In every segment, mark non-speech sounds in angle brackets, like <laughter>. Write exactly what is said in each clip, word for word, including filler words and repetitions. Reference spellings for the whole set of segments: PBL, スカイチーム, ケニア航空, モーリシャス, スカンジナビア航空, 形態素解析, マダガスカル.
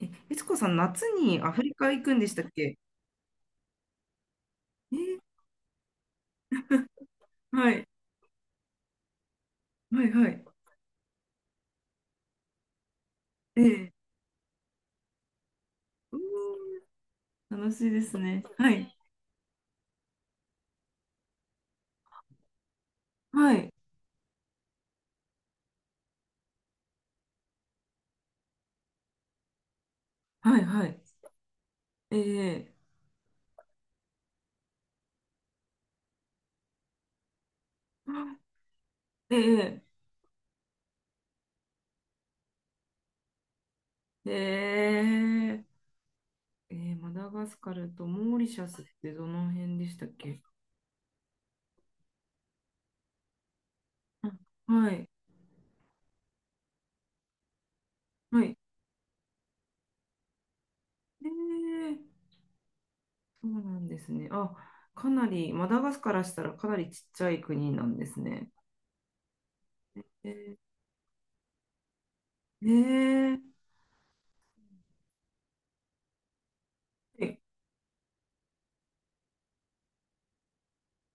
え、悦子さん、夏にアフリカ行くんでしたっけ？えーはい、はい、はい。ええ、うーん、楽しいですね。はい、はい、はい、はい。ええ、あええ、ええ、ええ、マダガスカルとモーリシャスってどの辺でしたっけ？あ、はい、はい。ええ、そうなんですね。あ、かなり、マダガスからしたらかなりちっちゃい国なんですね。ええ、ええ、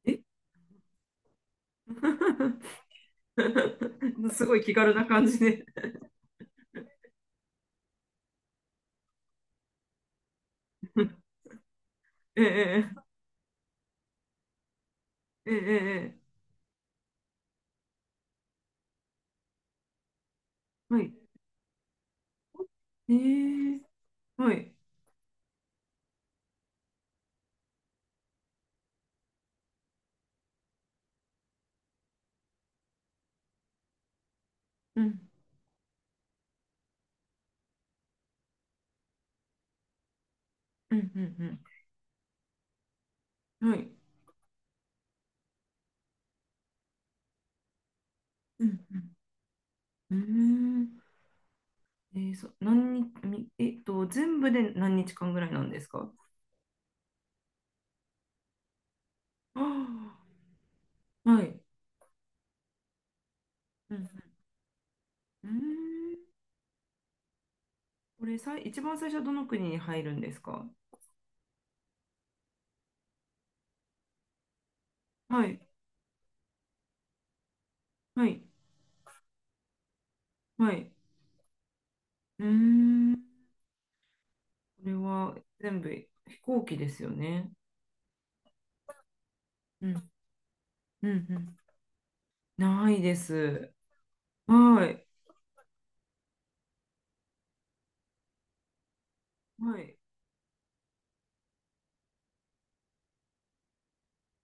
ええ <laughs> <laughs> すごい気軽な感じで <laughs>。ええ、ええ、ええ、ええ、はい。ええ、はい。うん、うん、うん、うん。はい。うん、うん。うーん。ええ、そう、何日、みえっと、全部で何日間ぐらいなんですか？あ、あ、<gasps> はい。うん、うん。うーん。これさい、一番最初はどの国に入るんですか？はい、はい、はい。うん。これは全部飛行機ですよね。うん、うん、うん。ないです。はい。はい。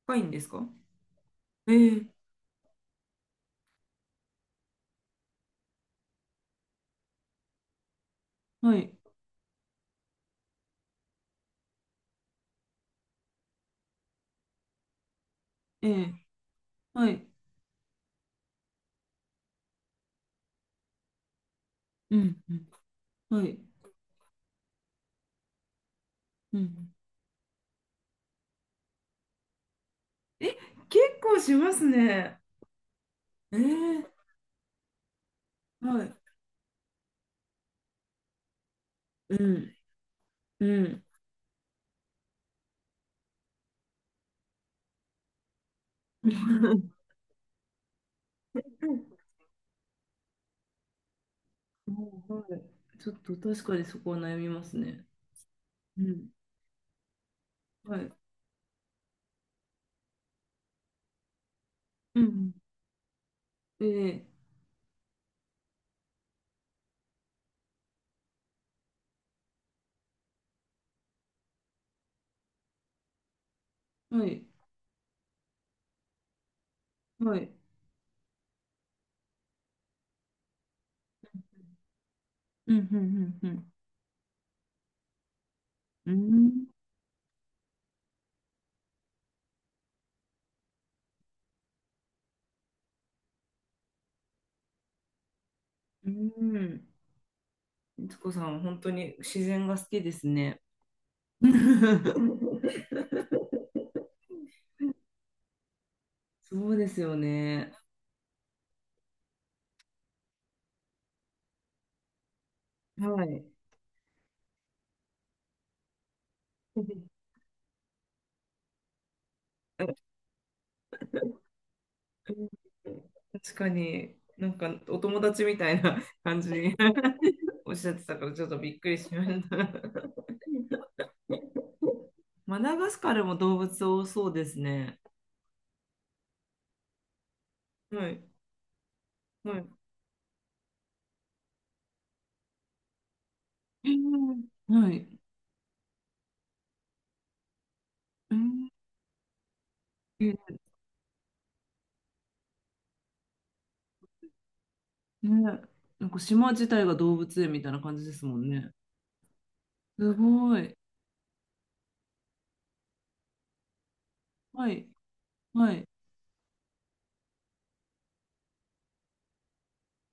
深いんですか？えー、はい。ええ、はい。うん。うん、はい。うん。え、結構しますね。えー、はい。うん。うん。<laughs> もう、はい。ちょっと確かにそこは悩みますね。うん。はい。うん。ええ、はい。はい。うん。うん。うん。うん。うん、うん、いつこさん、本当に自然が好きですね。<laughs> そうですよね。はい。<laughs> うん、確かに、なんかお友達みたいな感じに <laughs> おっしゃってたから、ちょっとびっくりしました。<laughs> マダガスカルも動物多そうですね。はい、はい。えー、はい。うん、え、ね、なんか島自体が動物園みたいな感じですもんね。すごい。はい。はい。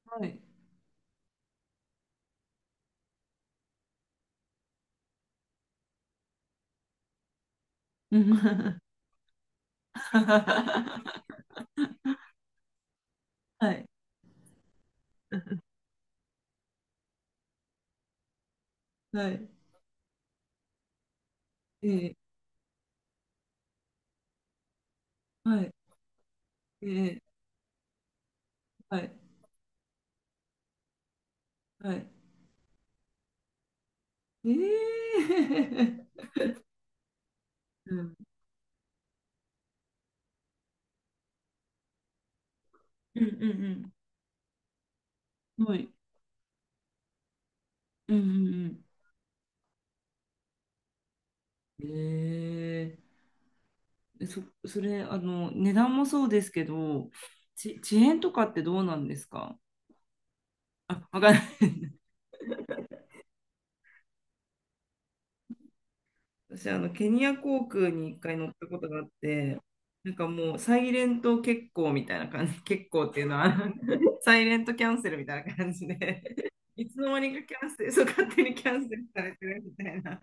はい。うん <laughs> はい。はい。ええ、はい。ええ、はい。はい。ええ <laughs> うん、うん、うん、うん、はい。うん、うん、うん、ええ、そ、それ、あの、値段もそうですけど、ち、遅延とかってどうなんですか？あ、わかんない。<laughs> 私、あの、ケニア航空に一回乗ったことがあって、なんかもう、サイレント欠航みたいな感じ、<laughs> 欠航っていうのは、<laughs> サイレントキャンセルみたいな感じで、<laughs> いつの間にかキャンセル、そう、勝手にキャンセルされてるみたいな。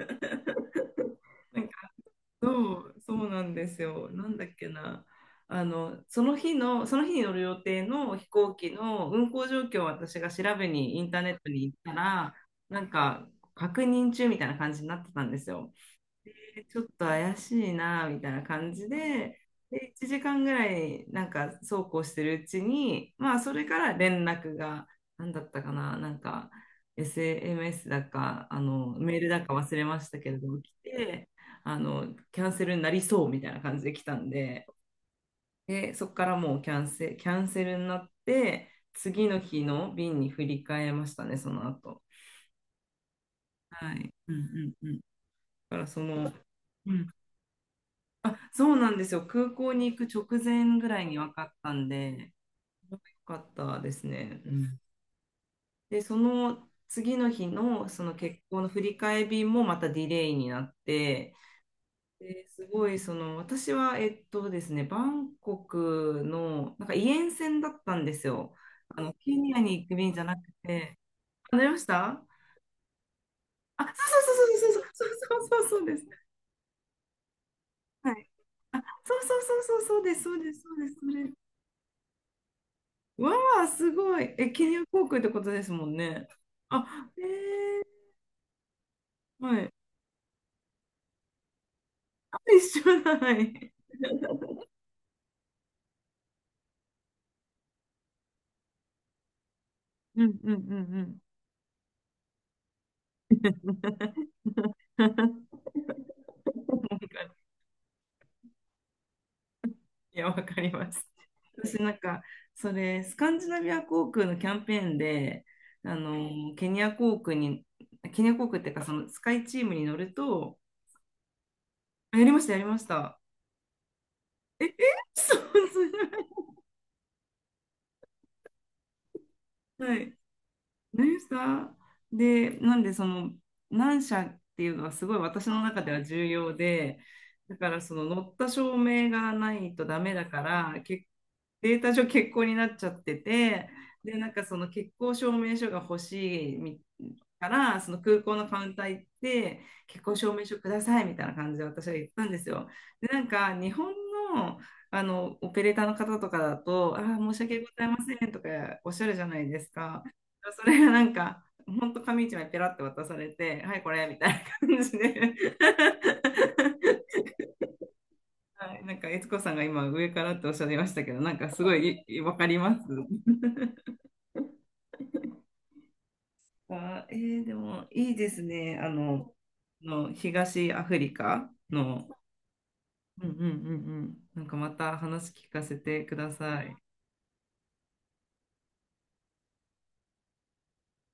<laughs> そう、そうなんですよ。なんだっけな。あの、その日の、その日に乗る予定の飛行機の運航状況を私が調べにインターネットに行ったら、なんか確認中みたいな感じになってたんですよ。ちょっと怪しいなみたいな感じで、でいちじかんぐらいなんかそうこうしてるうちに、まあ、それから連絡が何だったかな、なんか エスエムエス だかあのメールだか忘れましたけれども来て、あのキャンセルになりそうみたいな感じで来たんで、でそこからもうキャンセ、キャンセルになって次の日の便に振り替えましたね、その後。はい。うん、うん、うん。だからその、うん、あ、そうなんですよ。空港に行く直前ぐらいに分かったんで、よかったですね。うん、で、その次の日のその結婚の振り替え便もまたディレイになって、ですごいその私は、えっとですね、バンコクのなんかイエン線だったんですよ。あのケニアに行く便じゃなくて、わかりました。あ、そうそうそうそうそうそうそうそうそうそうです。はい。あ、そうそうそうそうそうです、そうです、そうです、それ、わあ、すごい。え、ケニア航空ってことですもんね。あ、えー、はい。あ、一緒だ。はい。うん、うん、うん、うん。<laughs> いや、わかります。私なんか、それ、スカンジナビア航空のキャンペーンで、あの、ケニア航空に、ケニア航空っていうか、そのスカイチームに乗ると、あ、やりました、やりました。え、え、<laughs> そう、それは、はい。何ですか？で、なんでその何社っていうのはすごい私の中では重要で、だからその乗った証明がないとダメだから、けデータ上欠航になっちゃってて、で、なんかその欠航証明書が欲しいみから、その空港のカウンター行って、欠航証明書くださいみたいな感じで私は言ったんですよ。で、なんか日本の、あのオペレーターの方とかだと、あー、申し訳ございませんとかおっしゃるじゃないですか。それがなんか、ほんと紙一枚ペラって渡されて、はい、これみたいな感じで、<laughs> はい、なんか、悦子さんが今、上からっておっしゃいましたけど、なんか、すごい、いわかります。あ、えーでも、いいですね。あの、の東アフリカの、うん、うん、うん、うん、なんかまた話聞かせてください。